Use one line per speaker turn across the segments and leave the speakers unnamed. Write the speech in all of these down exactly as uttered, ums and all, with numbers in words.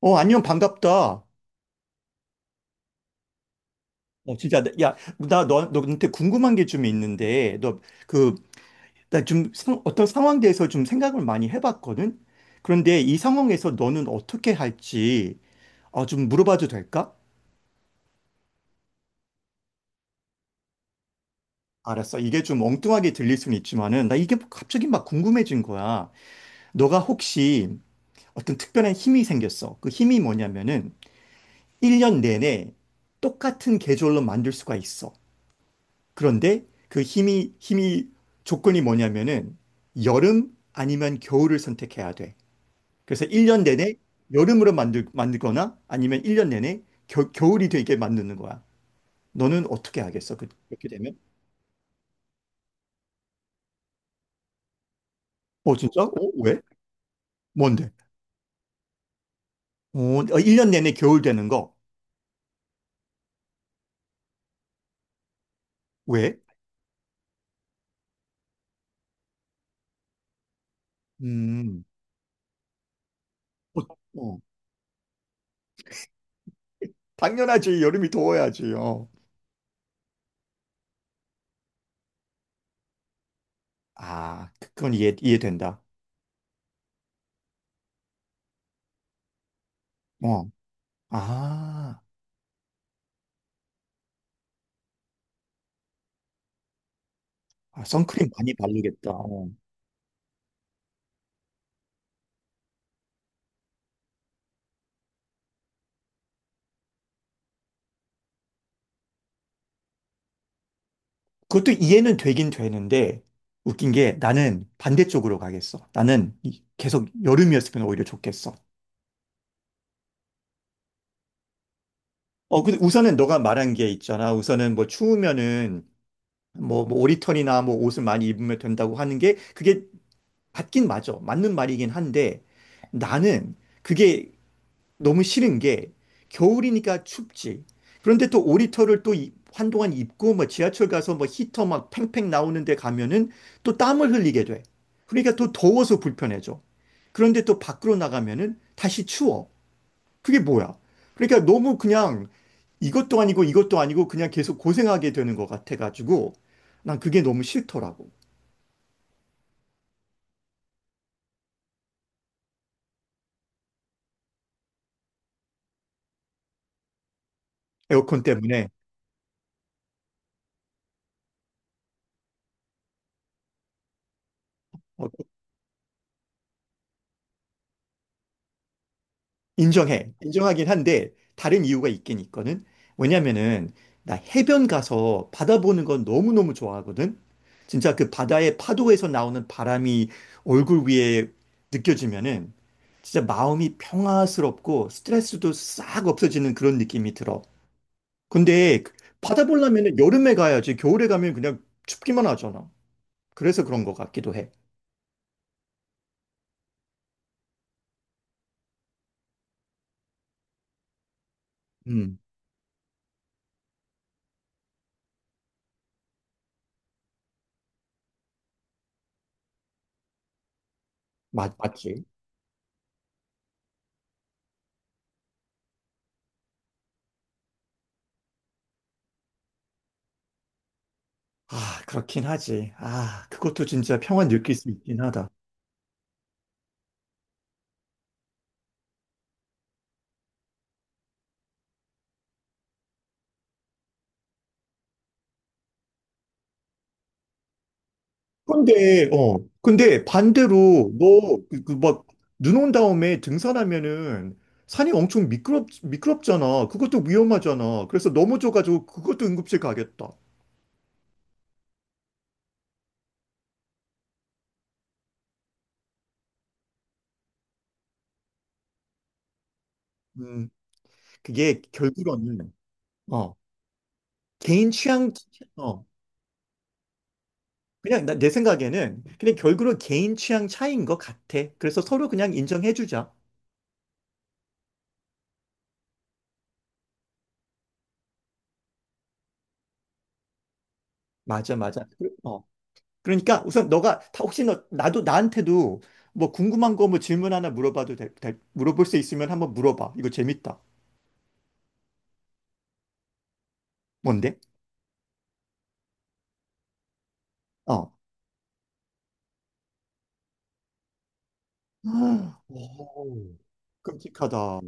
어, 안녕, 반갑다. 어, 진짜, 나- 야, 나 너, 너한테 궁금한 게 좀 있는데, 너, 그, 나 좀 어떤 상황에 대해서 좀 생각을 많이 해봤거든? 그런데 이 상황에서 너는 어떻게 할지, 어, 좀 물어봐도 될까? 알았어. 이게 좀 엉뚱하게 들릴 수는 있지만은, 나 이게 뭐 갑자기 막 궁금해진 거야. 너가 혹시 어떤 특별한 힘이 생겼어. 그 힘이 뭐냐면은, 일 년 내내 똑같은 계절로 만들 수가 있어. 그런데 그 힘이, 힘이 조건이 뭐냐면은 여름 아니면 겨울을 선택해야 돼. 그래서 일 년 내내 여름으로 만들, 만들거나 아니면 일 년 내내 겨, 겨울이 되게 만드는 거야. 너는 어떻게 하겠어? 그- 그렇게 되면? 어, 진짜? 어, 왜? 뭔데? 어, 일 년 내내 겨울 되는 거. 왜? 음, 어, 어. 당연하지. 여름이 더워야지. 어. 아, 그건 이해, 이해된다. 어. 아, 아, 선크림 많이 바르겠다. 어. 그것도 이해는 되긴 되는데 웃긴 게 나는 반대쪽으로 가겠어. 나는 이- 계속 여름이었으면 오히려 좋겠어. 어, 근데 우선은 너가 말한 게 있잖아. 우선은 뭐 추우면은 뭐, 뭐 오리털이나 뭐 옷을 많이 입으면 된다고 하는 게 그게 맞긴 맞아. 맞는 말이긴 한데 나는 그게 너무 싫은 게 겨울이니까 춥지. 그런데 또 오리털을 또 이- 한동안 입고 뭐 지하철 가서 뭐 히터 막 팽팽 나오는데 가면은 또 땀을 흘리게 돼. 그러니까 또 더워서 불편해져. 그런데 또 밖으로 나가면은 다시 추워. 그게 뭐야? 그러니까 너무 그냥 이것도 아니고 이것도 아니고 그냥 계속 고생하게 되는 것 같아가지고 난 그게 너무 싫더라고. 에어컨 때문에. 어, 인정해. 인정하긴 한데 다른 이유가 있긴 있거든. 왜냐면은 나 해변 가서 바다 보는 건 너무너무 좋아하거든. 진짜 그 바다의 파도에서 나오는 바람이 얼굴 위에 느껴지면은 진짜 마음이 평화스럽고 스트레스도 싹 없어지는 그런 느낌이 들어. 근데 그 바다 보려면은 여름에 가야지. 겨울에 가면 그냥 춥기만 하잖아. 그래서 그런 것 같기도 해. 음, 맞, 맞지. 아, 그렇긴 하지. 아, 그것도 진짜 평화 느낄 수 있긴 하다. 근데, 어, 근데 반대로 너, 그, 그 막, 눈 온 다음에 등산하면은 산이 엄청 미끄럽, 미끄럽잖아. 그것도 위험하잖아. 그래서 넘어져가지고 그것도 응급실 가겠다. 음, 그게 결국은, 어, 개인 취향, 어, 그냥 나, 내 생각에는 그냥 결국은 개인 취향 차이인 것 같아. 그래서 서로 그냥 인정해주자. 맞아, 맞아. 그, 어. 그러니까 우선 너가 다 혹시 너 나도 나한테도 뭐 궁금한 거 뭐 질문 하나 물어봐도 될, 될- 물어볼 수 있으면 한번 물어봐. 이거 재밌다. 뭔데? 어. 오. 끔찍하다.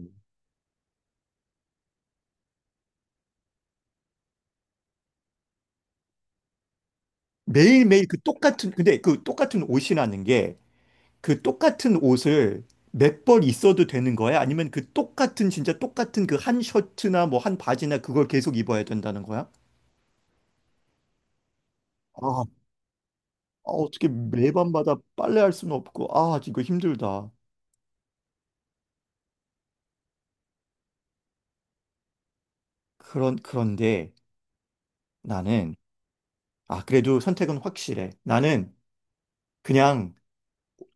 매일매일 그 똑같은, 근데 그 똑같은 옷이라는 게 그 똑같은 옷을 몇 벌 있어도 되는 거야? 아니면 그 똑같은, 진짜 똑같은 그 한 셔츠나 뭐 한 바지나 그걸 계속 입어야 된다는 거야? 아, 아, 어떻게 매번마다 빨래할 수는 없고, 아, 이거 힘들다. 그런, 그런데. 나는, 아, 그래도 선택은 확실해. 나는 그냥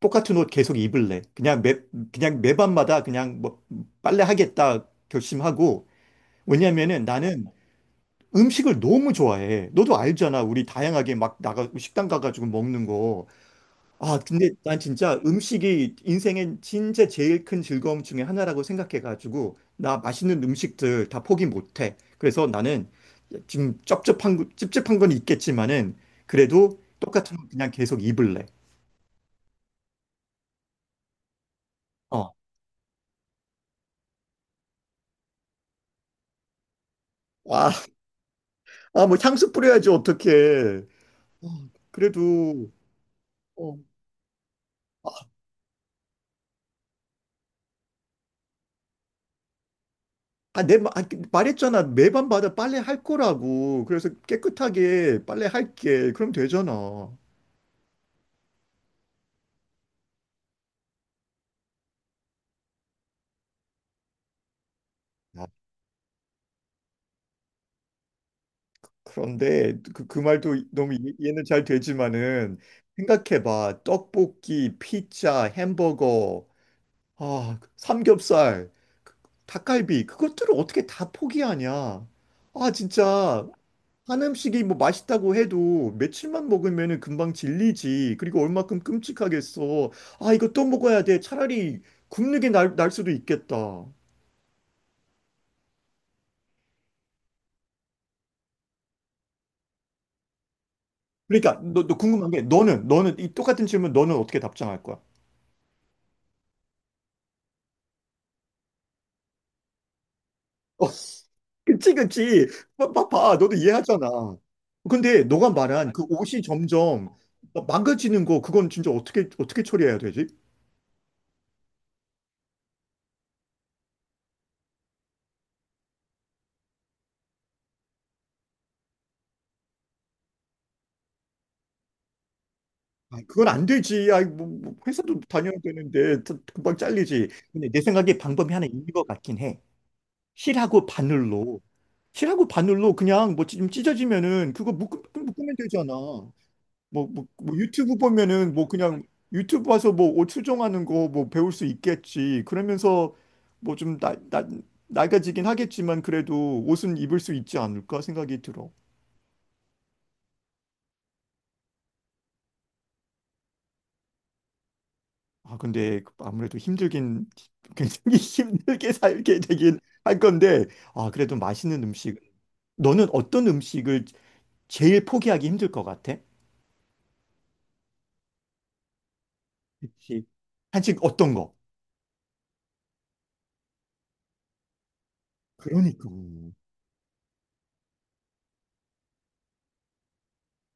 똑같은 옷 계속 입을래. 그냥 매, 그냥 매번마다 그냥 뭐 빨래 하겠다 결심하고. 왜냐면은 나는 음식을 너무 좋아해. 너도 알잖아. 우리 다양하게 막 나가, 식당 가가지고 먹는 거. 아, 근데 난 진짜 음식이 인생의 진짜 제일 큰 즐거움 중에 하나라고 생각해가지고, 나 맛있는 음식들 다 포기 못해. 그래서 나는 지금 쩝쩝한, 거- 찝찝한 건 있겠지만은, 그래도 똑같은 거 그냥 계속 입을래. 어. 와, 아, 뭐 향수 뿌려야지, 어떡해. 어, 그래도, 어. 아, 내, 마- 아, 말했잖아. 매번마다 빨래 할 거라고. 그래서 깨끗하게 빨래 할게. 그럼 되잖아. 그런데 그, 그 말도 너무 이- 이해는 잘 되지만은 생각해봐. 떡볶이, 피자, 햄버거, 아, 삼겹살, 닭갈비 그것들을 어떻게 다 포기하냐? 아, 진짜 한 음식이 뭐 맛있다고 해도 며칠만 먹으면은 금방 질리지. 그리고 얼마큼 끔찍하겠어. 아, 이거 또 먹어야 돼. 차라리 굶는 게 날, 날 수도 있겠다. 그러니까 너, 너 궁금한 게 너는 너는 이 똑같은 질문 너는 어떻게 답장할 거야? 그치, 그치. 봐, 봐, 봐. 너도 이해하잖아. 근데 너가 말한 그 옷이 점점 망가지는 거, 그건 진짜 어떻게, 어떻게 처리해야 되지? 아, 그건 안 되지. 아이, 뭐, 뭐 회사도 다녀야 되는데, 다- 금방 잘리지. 근데 내 생각에 방법이 하나 있는 것 같긴 해. 실하고 바늘로. 실하고 바늘로 그냥 뭐 찢- 찢어지면은 그거 묶, 묶으면 되잖아. 뭐, 뭐, 뭐 유튜브 보면은 뭐 그냥 유튜브 와서 뭐 옷 수정하는 거 뭐 배울 수 있겠지. 그러면서 뭐 좀 나, 나, 낡아지긴 하겠지만 그래도 옷은 입을 수 있지 않을까 생각이 들어. 아, 근데 아무래도 힘들긴 굉장히 힘들게 살게 되긴 할 건데 아, 그래도 맛있는 음식. 너는 어떤 음식을 제일 포기하기 힘들 것 같아? 그치. 한식 어떤 거? 그러니까.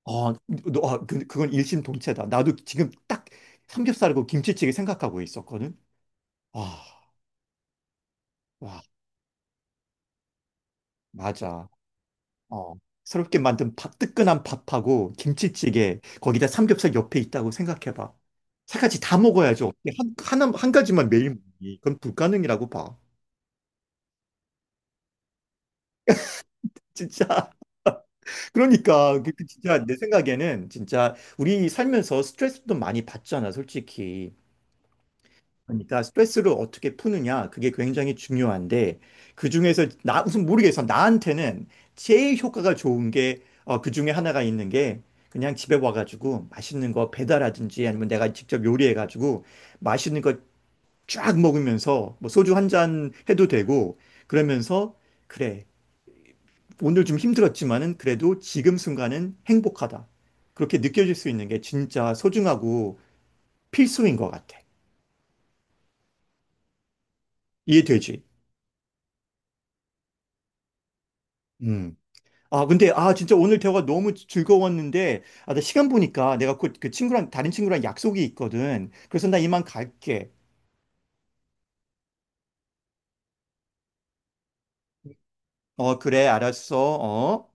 어, 너, 아, 그, 그건 일심동체다. 나도 지금 딱 삼겹살하고 김치찌개 생각하고 있었거든. 와 와, 맞아. 어, 새롭게 만든 밥, 뜨끈한 밥하고 김치찌개, 거기다 삼겹살 옆에 있다고 생각해봐. 세 가지 다 먹어야죠. 어떻게 한, 하나, 한 가지만 매일 먹니. 그건 불가능이라고 봐. 진짜. 그러니까, 그- 그 진짜 내 생각에는 진짜 우리 살면서 스트레스도 많이 받잖아, 솔직히. 그러니까 스트레스를 어떻게 푸느냐 그게 굉장히 중요한데, 그중에서 나 무슨 모르겠어, 나한테는 제일 효과가 좋은 게, 어, 그중에 하나가 있는 게 그냥 집에 와가지고 맛있는 거 배달하든지 아니면 내가 직접 요리해가지고 맛있는 거 쫙 먹으면서 뭐 소주 한 잔 해도 되고, 그러면서 그래, 오늘 좀 힘들었지만은 그래도 지금 순간은 행복하다 그렇게 느껴질 수 있는 게 진짜 소중하고 필수인 것 같아. 이해되지? 음. 아, 근데, 아, 진짜 오늘 대화가 너무 즐거웠는데, 아, 나 시간 보니까 내가 곧 그 친구랑, 다른 친구랑 약속이 있거든. 그래서 나 이만 갈게. 어, 그래, 알았어. 어.